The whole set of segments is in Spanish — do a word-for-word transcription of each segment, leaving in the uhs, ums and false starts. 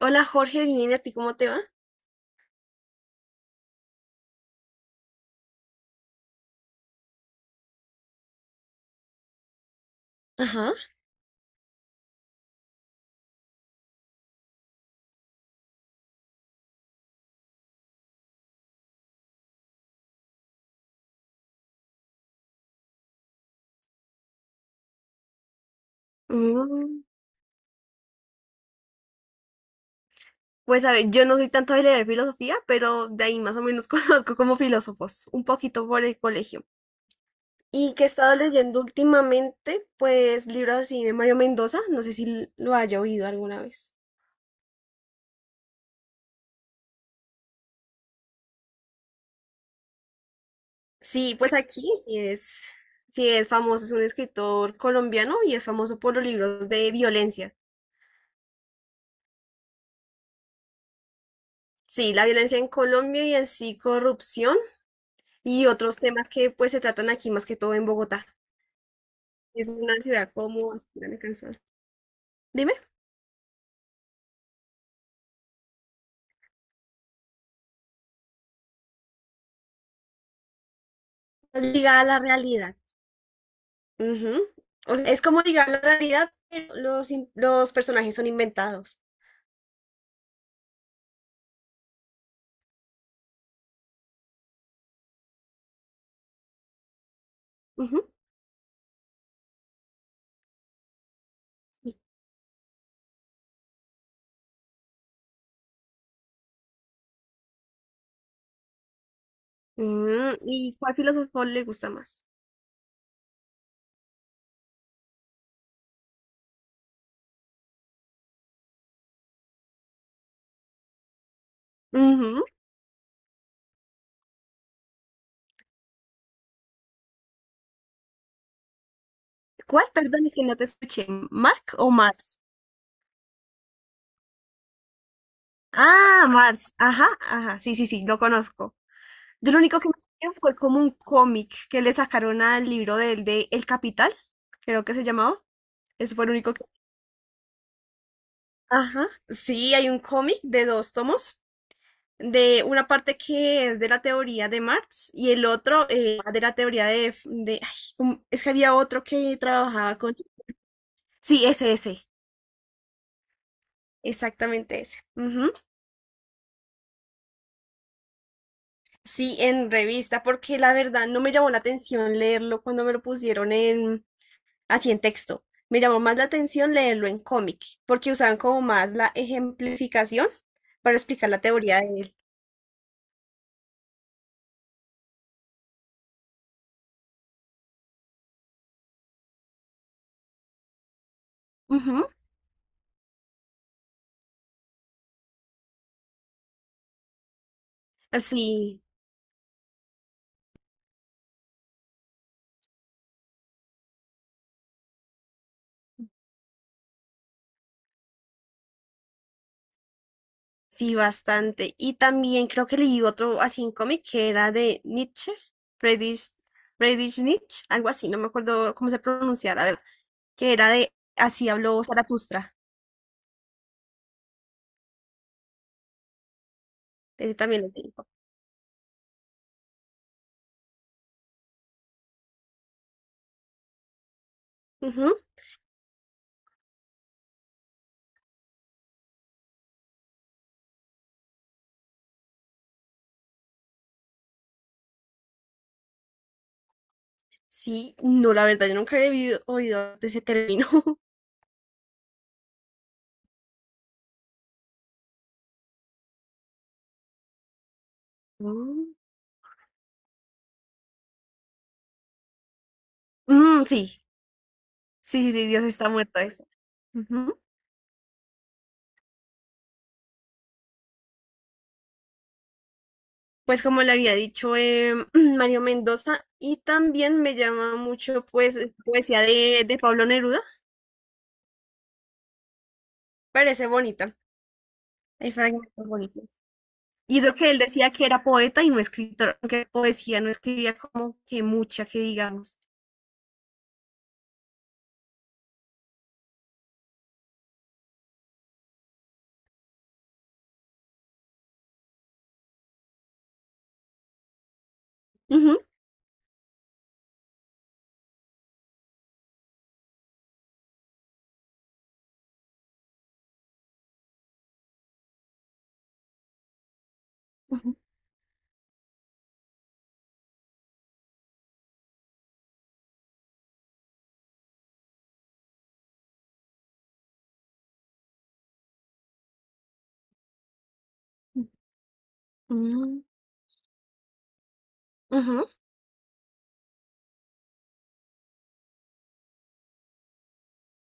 Hola Jorge, bien, ¿y a ti cómo te va? Ajá. Mm, pues a ver, yo no soy tanto de leer filosofía, pero de ahí más o menos conozco como filósofos, un poquito por el colegio. Y que he estado leyendo últimamente, pues libros así de Mario Mendoza, no sé si lo haya oído alguna vez. Sí, pues aquí sí es, sí es famoso, es un escritor colombiano y es famoso por los libros de violencia. Sí, la violencia en Colombia y así corrupción y otros temas que pues se tratan aquí más que todo en Bogotá. Es una ciudad como así era la canción. Dime. Es ligada a la realidad. Ujú. O sea, es como ligada a la realidad, pero los, in- los personajes son inventados. Ujú, sí. Mm, ¿y cuál filósofo le gusta más? Ujú. ¿Cuál? Perdón, es que no te escuché. ¿Mark o Marx? Ah, Marx. Ajá, ajá. Sí, sí, sí, lo conozco. Yo lo único que me acuerdo fue como un cómic que le sacaron al libro del de El Capital, creo que se llamaba. Ese fue el único. Ajá, sí, hay un cómic de dos tomos, de una parte que es de la teoría de Marx y el otro eh, de la teoría de, de ay, um, es que había otro que trabajaba con... Sí, ese, ese, exactamente ese. Ujú. Sí, en revista, porque la verdad no me llamó la atención leerlo cuando me lo pusieron en así en texto. Me llamó más la atención leerlo en cómic, porque usaban como más la ejemplificación para explicar la teoría de él. Ujú. Así. Sí, bastante. Y también creo que leí otro así en cómic que era de Nietzsche, Friedrich, Friedrich Nietzsche, algo así, no me acuerdo cómo se pronuncia, la verdad, que era de Así habló Zaratustra. Ese también lo tengo. Ujú. Sí, no, la verdad, yo nunca había vivido- oído de ese término. Mm, mm, sí, sí, sí, sí, Dios está muerto eso. Ujú. Pues como le había dicho em, Mario Mendoza, y también me llama mucho pues poesía de, de Pablo Neruda. Parece bonita. Hay fragmentos bonitos. Y eso que él decía que era poeta y no escritor, aunque poesía no escribía como que mucha, que digamos. Ujú, ujú, ujú, ujú.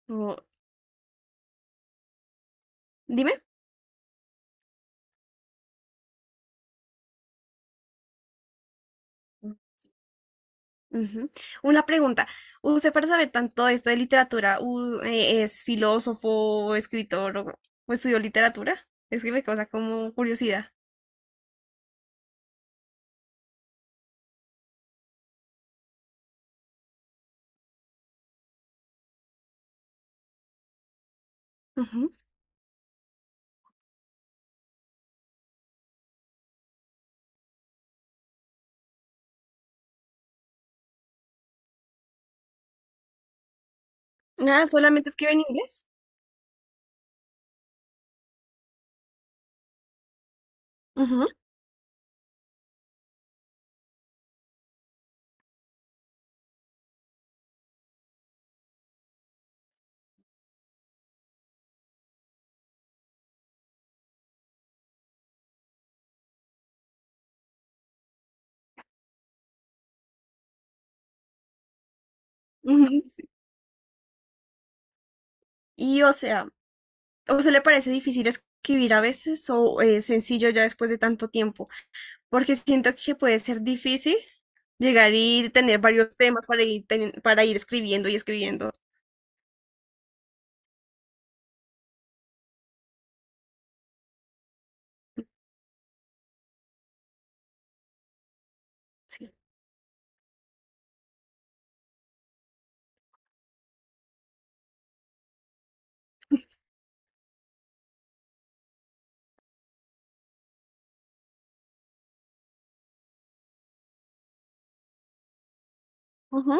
Oh, dime. Ujú. Una pregunta. ¿Usted para saber tanto esto de literatura, u- eh, es filósofo, escritor o, o estudió literatura? Es que me causa como curiosidad. Ujú. Nada, solamente escribe en inglés. Ujú, ujú. Sí. Y o sea, ¿o se le parece difícil escribir a veces o es sencillo ya después de tanto tiempo? Porque siento que puede ser difícil llegar y tener varios temas para ir, teni- para ir escribiendo y escribiendo. Sí. Ujú,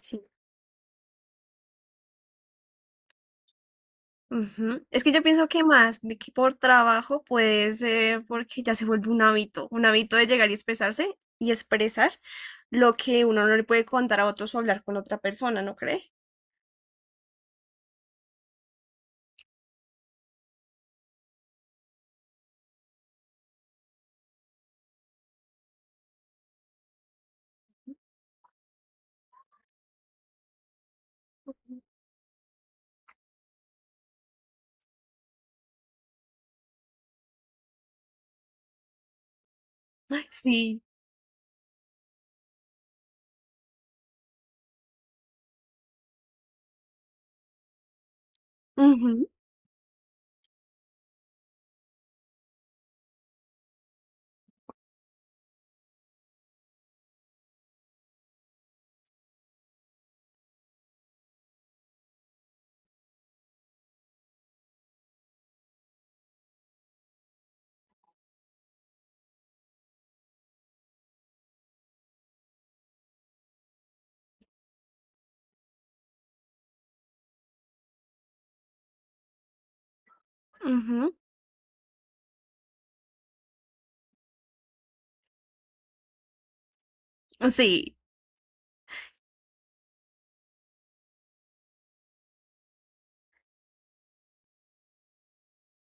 sí. Ujú. Es que yo pienso que más de que por trabajo puede ser porque ya se vuelve un hábito, un hábito de llegar y expresarse y expresar lo que uno no le puede contar a otros o hablar con otra persona, ¿no cree? Ay, sí. Ujú, ujú. Sí.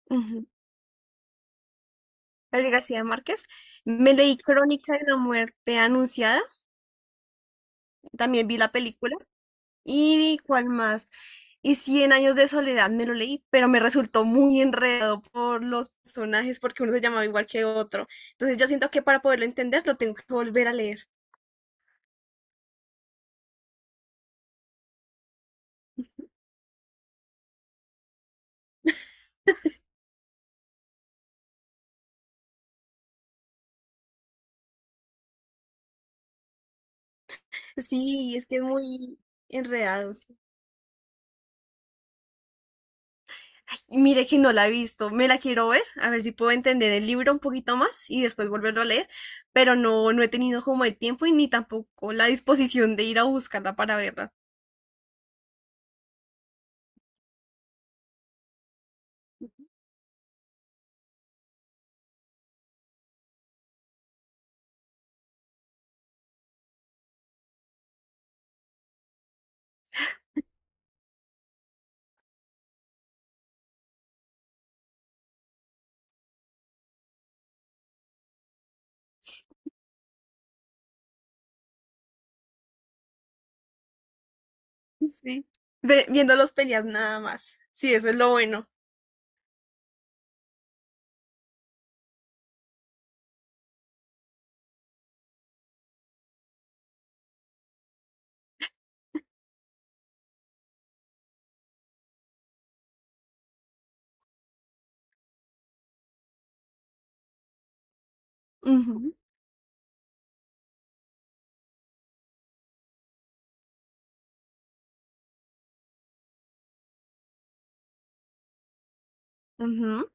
Ujú. Gabriel García Márquez. Me leí Crónica de la Muerte Anunciada, también vi la película. ¿Y cuál más? Y Cien Años de Soledad me lo leí, pero me resultó muy enredado por los personajes, porque uno se llamaba igual que otro. Entonces yo siento que para poderlo entender lo tengo que volver a leer. Sí, es que es muy enredado. Sí. Ay, mire que no la he visto, me la quiero ver, a ver si puedo entender el libro un poquito más y después volverlo a leer, pero no, no he tenido como el tiempo y ni tampoco la disposición de ir a buscarla para verla. Sí. Ve- viendo los peleas nada más. Sí, eso es lo bueno. Ujú, ujú,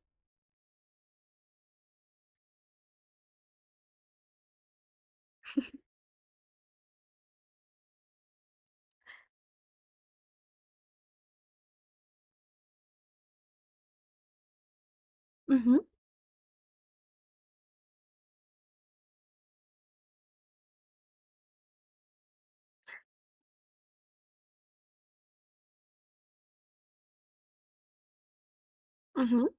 ujú, ujú,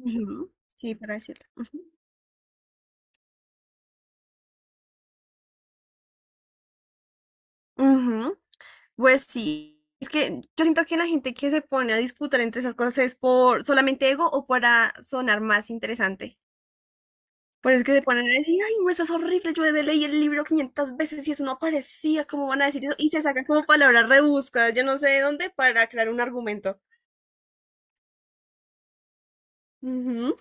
ujú. Sí, para decirlo. Ujú, ujú. Pues sí. Es que yo siento que la gente que se pone a disputar entre esas cosas es por solamente ego o para sonar más interesante. Pero es que se ponen a decir, ay, no, eso es horrible, yo de leí el libro quinientas veces y eso no aparecía, ¿cómo van a decir eso? Y se sacan como palabras rebuscadas, yo no sé de dónde, para crear un argumento. Ujú,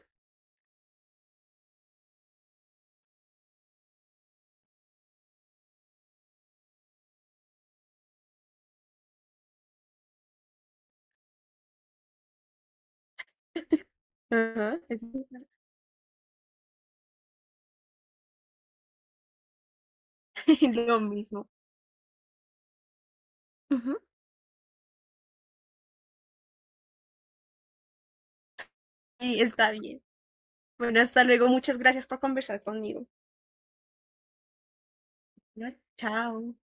ajá, es lo mismo. Ujú, y está bien. Bueno, hasta luego, muchas gracias por conversar conmigo. Bueno, chao.